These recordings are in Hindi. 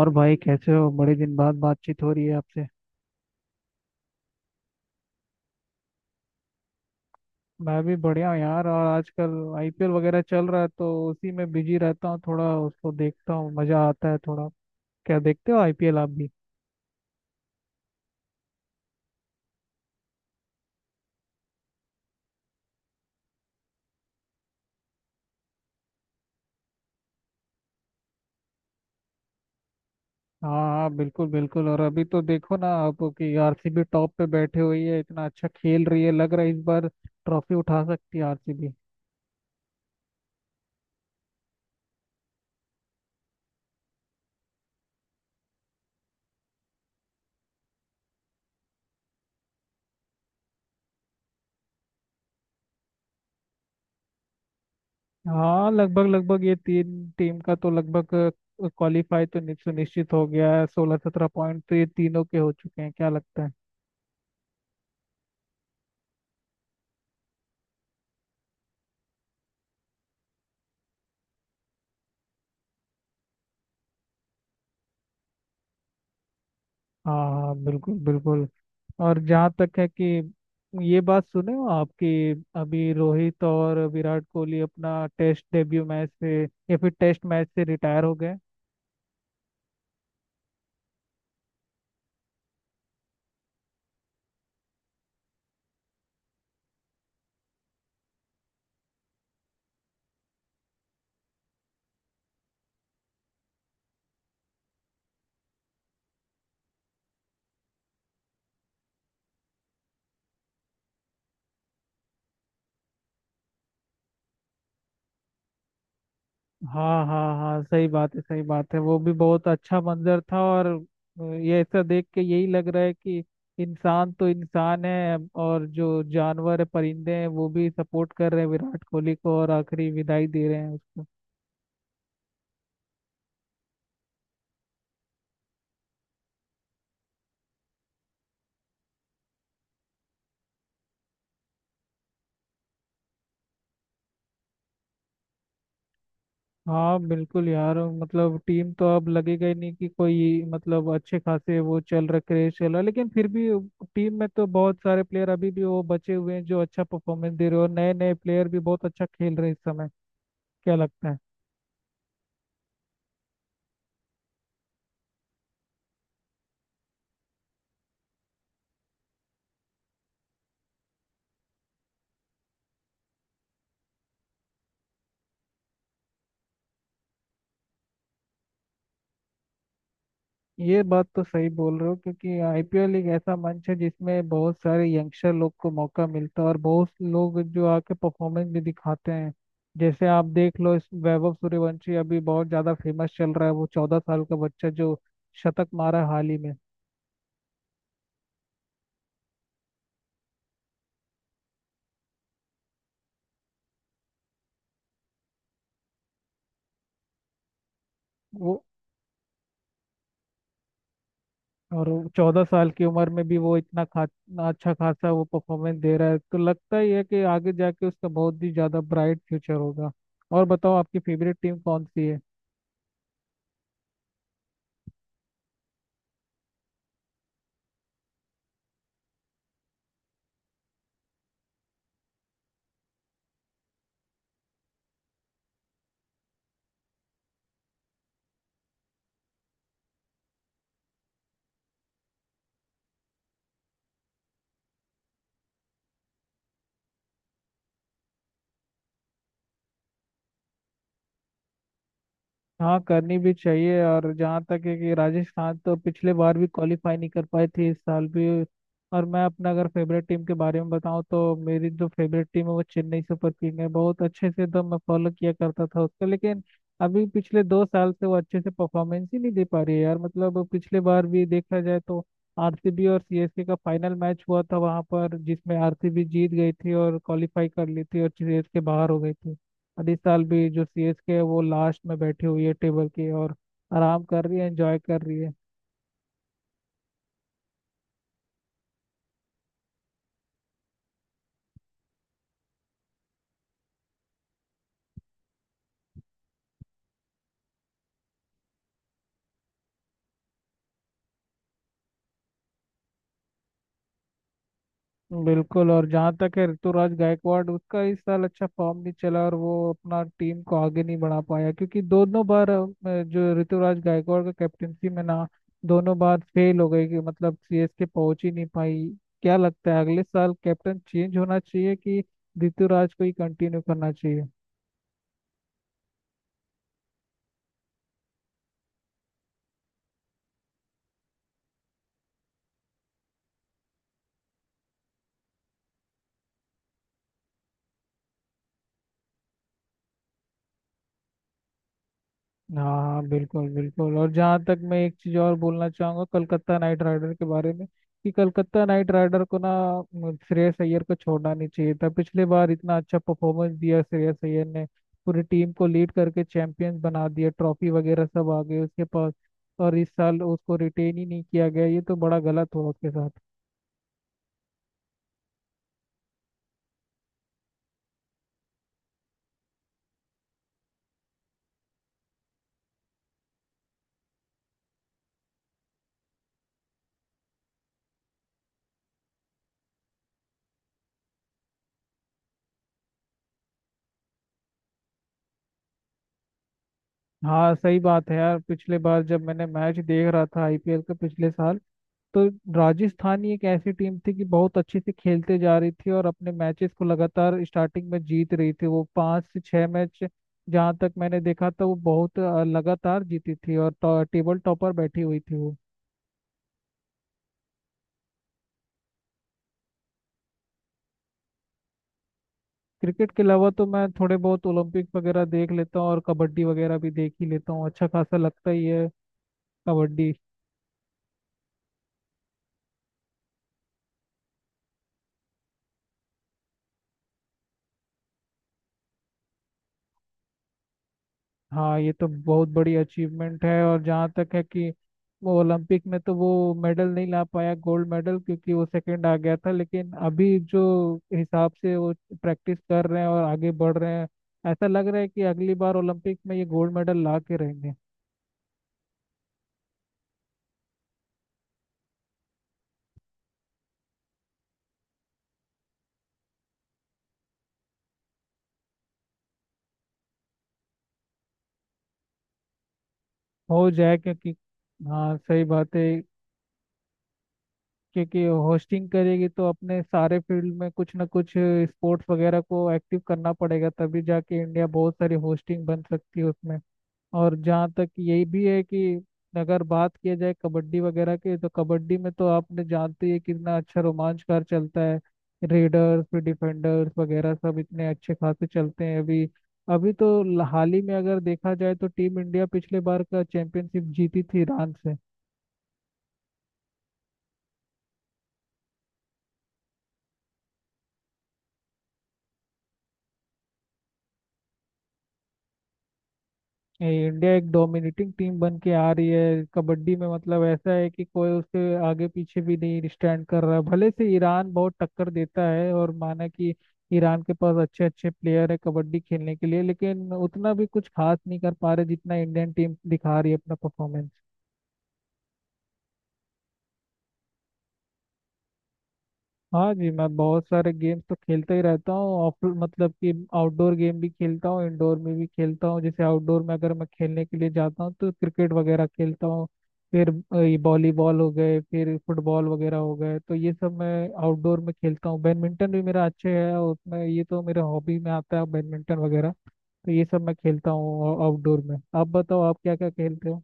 और भाई, कैसे हो? बड़े दिन बाद बातचीत हो रही है आपसे। मैं भी बढ़िया हूँ यार। और आजकल आईपीएल वगैरह चल रहा है तो उसी में बिजी रहता हूँ, थोड़ा उसको देखता हूँ, मजा आता है थोड़ा। क्या देखते हो आईपीएल आप भी? हाँ। हाँ बिल्कुल, बिल्कुल। और अभी तो देखो ना आप कि आरसीबी टॉप पे बैठे हुई है, इतना अच्छा खेल रही है। लग रहा है इस बार ट्रॉफी उठा सकती है आरसीबी। हाँ, लगभग लगभग ये तीन टीम का तो लगभग क्वालिफाई तो सुनिश्चित हो गया है। 16-17 पॉइंट तो ये तीनों के हो चुके हैं। क्या लगता है? हाँ, हाँ बिल्कुल बिल्कुल। और जहाँ तक है कि ये बात सुने हो आपकी, अभी रोहित और विराट कोहली अपना टेस्ट डेब्यू मैच से या फिर टेस्ट मैच से रिटायर हो गए। हाँ हाँ हाँ, सही बात है सही बात है। वो भी बहुत अच्छा मंजर था। और ये ऐसा देख के यही लग रहा है कि इंसान तो इंसान है, और जो जानवर है, परिंदे हैं, वो भी सपोर्ट कर रहे हैं विराट कोहली को और आखिरी विदाई दे रहे हैं उसको। हाँ बिल्कुल यार, मतलब टीम तो अब लगेगा ही नहीं कि कोई। मतलब अच्छे खासे वो चल रहा, क्रेज चल रहा, लेकिन फिर भी टीम में तो बहुत सारे प्लेयर अभी भी वो बचे हुए हैं जो अच्छा परफॉर्मेंस दे रहे हो। नए नए प्लेयर भी बहुत अच्छा खेल रहे हैं इस समय। क्या लगता है? ये बात तो सही बोल रहे हो, क्योंकि आईपीएल एक ऐसा मंच है जिसमें बहुत सारे यंगस्टर लोग को मौका मिलता है और बहुत लोग जो आके परफॉर्मेंस भी दिखाते हैं। जैसे आप देख लो इस वैभव सूर्यवंशी, अभी बहुत ज्यादा फेमस चल रहा है। वो 14 साल का बच्चा, जो शतक मारा हाल ही में। वो और 14 साल की उम्र में भी वो इतना खा, इतना अच्छा खासा वो परफॉर्मेंस दे रहा है, तो लगता ही है कि आगे जाके उसका बहुत ही ज्यादा ब्राइट फ्यूचर होगा। और बताओ, आपकी फेवरेट टीम कौन सी है? हाँ, करनी भी चाहिए। और जहाँ तक है कि राजस्थान तो पिछले बार भी क्वालिफाई नहीं कर पाई थी, इस साल भी। और मैं अपना अगर फेवरेट टीम के बारे में बताऊँ, तो मेरी जो फेवरेट टीम है वो चेन्नई सुपर किंग है। बहुत अच्छे से एकदम मैं फॉलो किया करता था उसको, लेकिन अभी पिछले 2 साल से वो अच्छे से परफॉर्मेंस ही नहीं दे पा रही है यार। मतलब पिछले बार भी देखा जाए तो आरसीबी और सीएसके का फाइनल मैच हुआ था वहाँ पर, जिसमें आरसीबी जीत गई थी और क्वालिफाई कर ली थी, और सीएसके बाहर हो गई थी। और इस साल भी जो सीएसके है, वो लास्ट में बैठी हुई है टेबल की, और आराम कर रही है, एंजॉय कर रही है। बिल्कुल। और जहाँ तक है ऋतुराज गायकवाड़, उसका इस साल अच्छा फॉर्म नहीं चला और वो अपना टीम को आगे नहीं बढ़ा पाया, क्योंकि दोनों बार जो ऋतुराज गायकवाड़ का कैप्टनसी में ना, दोनों बार फेल हो गई कि मतलब सीएसके पहुंच ही नहीं पाई। क्या लगता है अगले साल कैप्टन चेंज होना चाहिए कि ऋतुराज को ही कंटिन्यू करना चाहिए? हाँ बिल्कुल बिल्कुल। और जहाँ तक, मैं एक चीज़ और बोलना चाहूँगा कलकत्ता नाइट राइडर के बारे में, कि कलकत्ता नाइट राइडर को ना श्रेयस अय्यर को छोड़ना नहीं चाहिए था। पिछले बार इतना अच्छा परफॉर्मेंस दिया श्रेयस अय्यर ने, पूरी टीम को लीड करके चैंपियंस बना दिया, ट्रॉफी वगैरह सब आ गए उसके पास। और इस साल उसको रिटेन ही नहीं किया गया, ये तो बड़ा गलत हुआ उसके साथ। हाँ सही बात है यार। पिछले बार जब मैंने मैच देख रहा था आईपीएल का, पिछले साल, तो राजस्थान ही एक ऐसी टीम थी कि बहुत अच्छे से खेलते जा रही थी और अपने मैचेस को लगातार स्टार्टिंग में जीत रही थी, वो पाँच से छह मैच जहाँ तक मैंने देखा था, वो बहुत लगातार जीती थी, और टेबल टॉपर बैठी हुई थी वो। क्रिकेट के अलावा तो मैं थोड़े बहुत ओलंपिक वगैरह देख लेता हूँ, और कबड्डी वगैरह भी देख ही लेता हूँ। अच्छा खासा लगता ही है कबड्डी। हाँ, ये तो बहुत बड़ी अचीवमेंट है। और जहाँ तक है कि वो ओलंपिक में तो वो मेडल नहीं ला पाया, गोल्ड मेडल, क्योंकि वो सेकंड आ गया था। लेकिन अभी जो हिसाब से वो प्रैक्टिस कर रहे हैं और आगे बढ़ रहे हैं, ऐसा लग रहा है कि अगली बार ओलंपिक में ये गोल्ड मेडल ला के रहेंगे। हो जाए, क्योंकि हाँ सही बात है। क्योंकि होस्टिंग करेगी तो अपने सारे फील्ड में कुछ ना कुछ स्पोर्ट्स वगैरह को एक्टिव करना पड़ेगा, तभी जाके इंडिया बहुत सारी होस्टिंग बन सकती है उसमें। और जहाँ तक यही भी है कि अगर बात किया जाए कबड्डी वगैरह की, तो कबड्डी में तो आपने जानते ही हैं कितना अच्छा रोमांचकार चलता है। रेडर्स फिर डिफेंडर्स वगैरह सब इतने अच्छे खासे चलते हैं अभी। अभी तो हाल ही में अगर देखा जाए तो टीम इंडिया पिछले बार का चैंपियनशिप जीती थी ईरान से। ये इंडिया एक डोमिनेटिंग टीम बन के आ रही है कबड्डी में, मतलब ऐसा है कि कोई उसके आगे पीछे भी नहीं स्टैंड कर रहा। भले से ईरान बहुत टक्कर देता है, और माना कि ईरान के पास अच्छे अच्छे प्लेयर है कबड्डी खेलने के लिए, लेकिन उतना भी कुछ खास नहीं कर पा रहे जितना इंडियन टीम दिखा रही है अपना परफॉर्मेंस। हाँ जी, मैं बहुत सारे गेम्स तो खेलता ही रहता हूँ। ऑफ मतलब कि आउटडोर गेम भी खेलता हूँ, इंडोर में भी खेलता हूँ। जैसे आउटडोर में अगर मैं खेलने के लिए जाता हूँ तो क्रिकेट वगैरह खेलता हूँ, फिर ये वॉलीबॉल हो गए, फिर फुटबॉल वगैरह हो गए। तो ये सब मैं आउटडोर में खेलता हूँ। बैडमिंटन भी मेरा अच्छा है, और उसमें ये तो मेरे हॉबी में आता है, बैडमिंटन वगैरह। तो ये सब मैं खेलता हूँ आउटडोर में। आप बताओ, आप क्या क्या खेलते हो?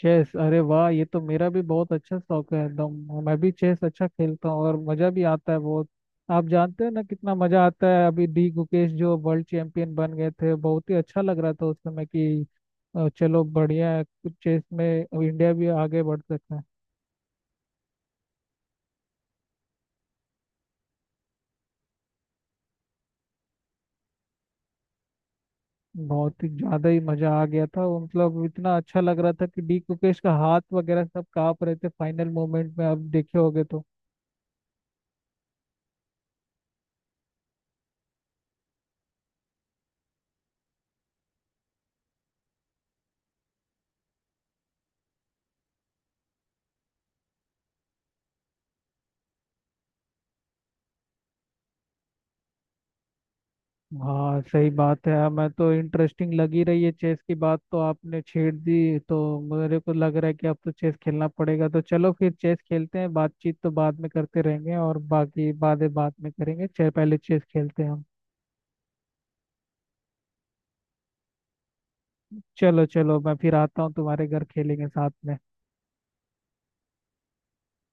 चेस! अरे वाह, ये तो मेरा भी बहुत अच्छा शौक है एकदम। मैं भी चेस अच्छा खेलता हूँ, और मजा भी आता है बहुत। आप जानते हो ना कितना मजा आता है। अभी डी गुकेश जो वर्ल्ड चैंपियन बन गए थे, बहुत ही अच्छा लग रहा था उस समय कि चलो बढ़िया है। चेस में इंडिया भी आगे बढ़ सकता है। बहुत ही ज्यादा ही मजा आ गया था वो, मतलब इतना अच्छा लग रहा था कि डी कुकेश का हाथ वगैरह सब कांप रहे थे फाइनल मोमेंट में, आप देखे होगे तो। हाँ सही बात है। मैं तो इंटरेस्टिंग लगी रही है चेस की बात, तो आपने छेड़ दी तो मेरे को लग रहा है कि अब तो चेस खेलना पड़ेगा। तो चलो फिर चेस खेलते हैं, बातचीत तो बाद में करते रहेंगे और बाकी बातें बाद में करेंगे। पहले चेस खेलते हैं हम। चलो चलो, मैं फिर आता हूँ तुम्हारे घर, खेलेंगे साथ में।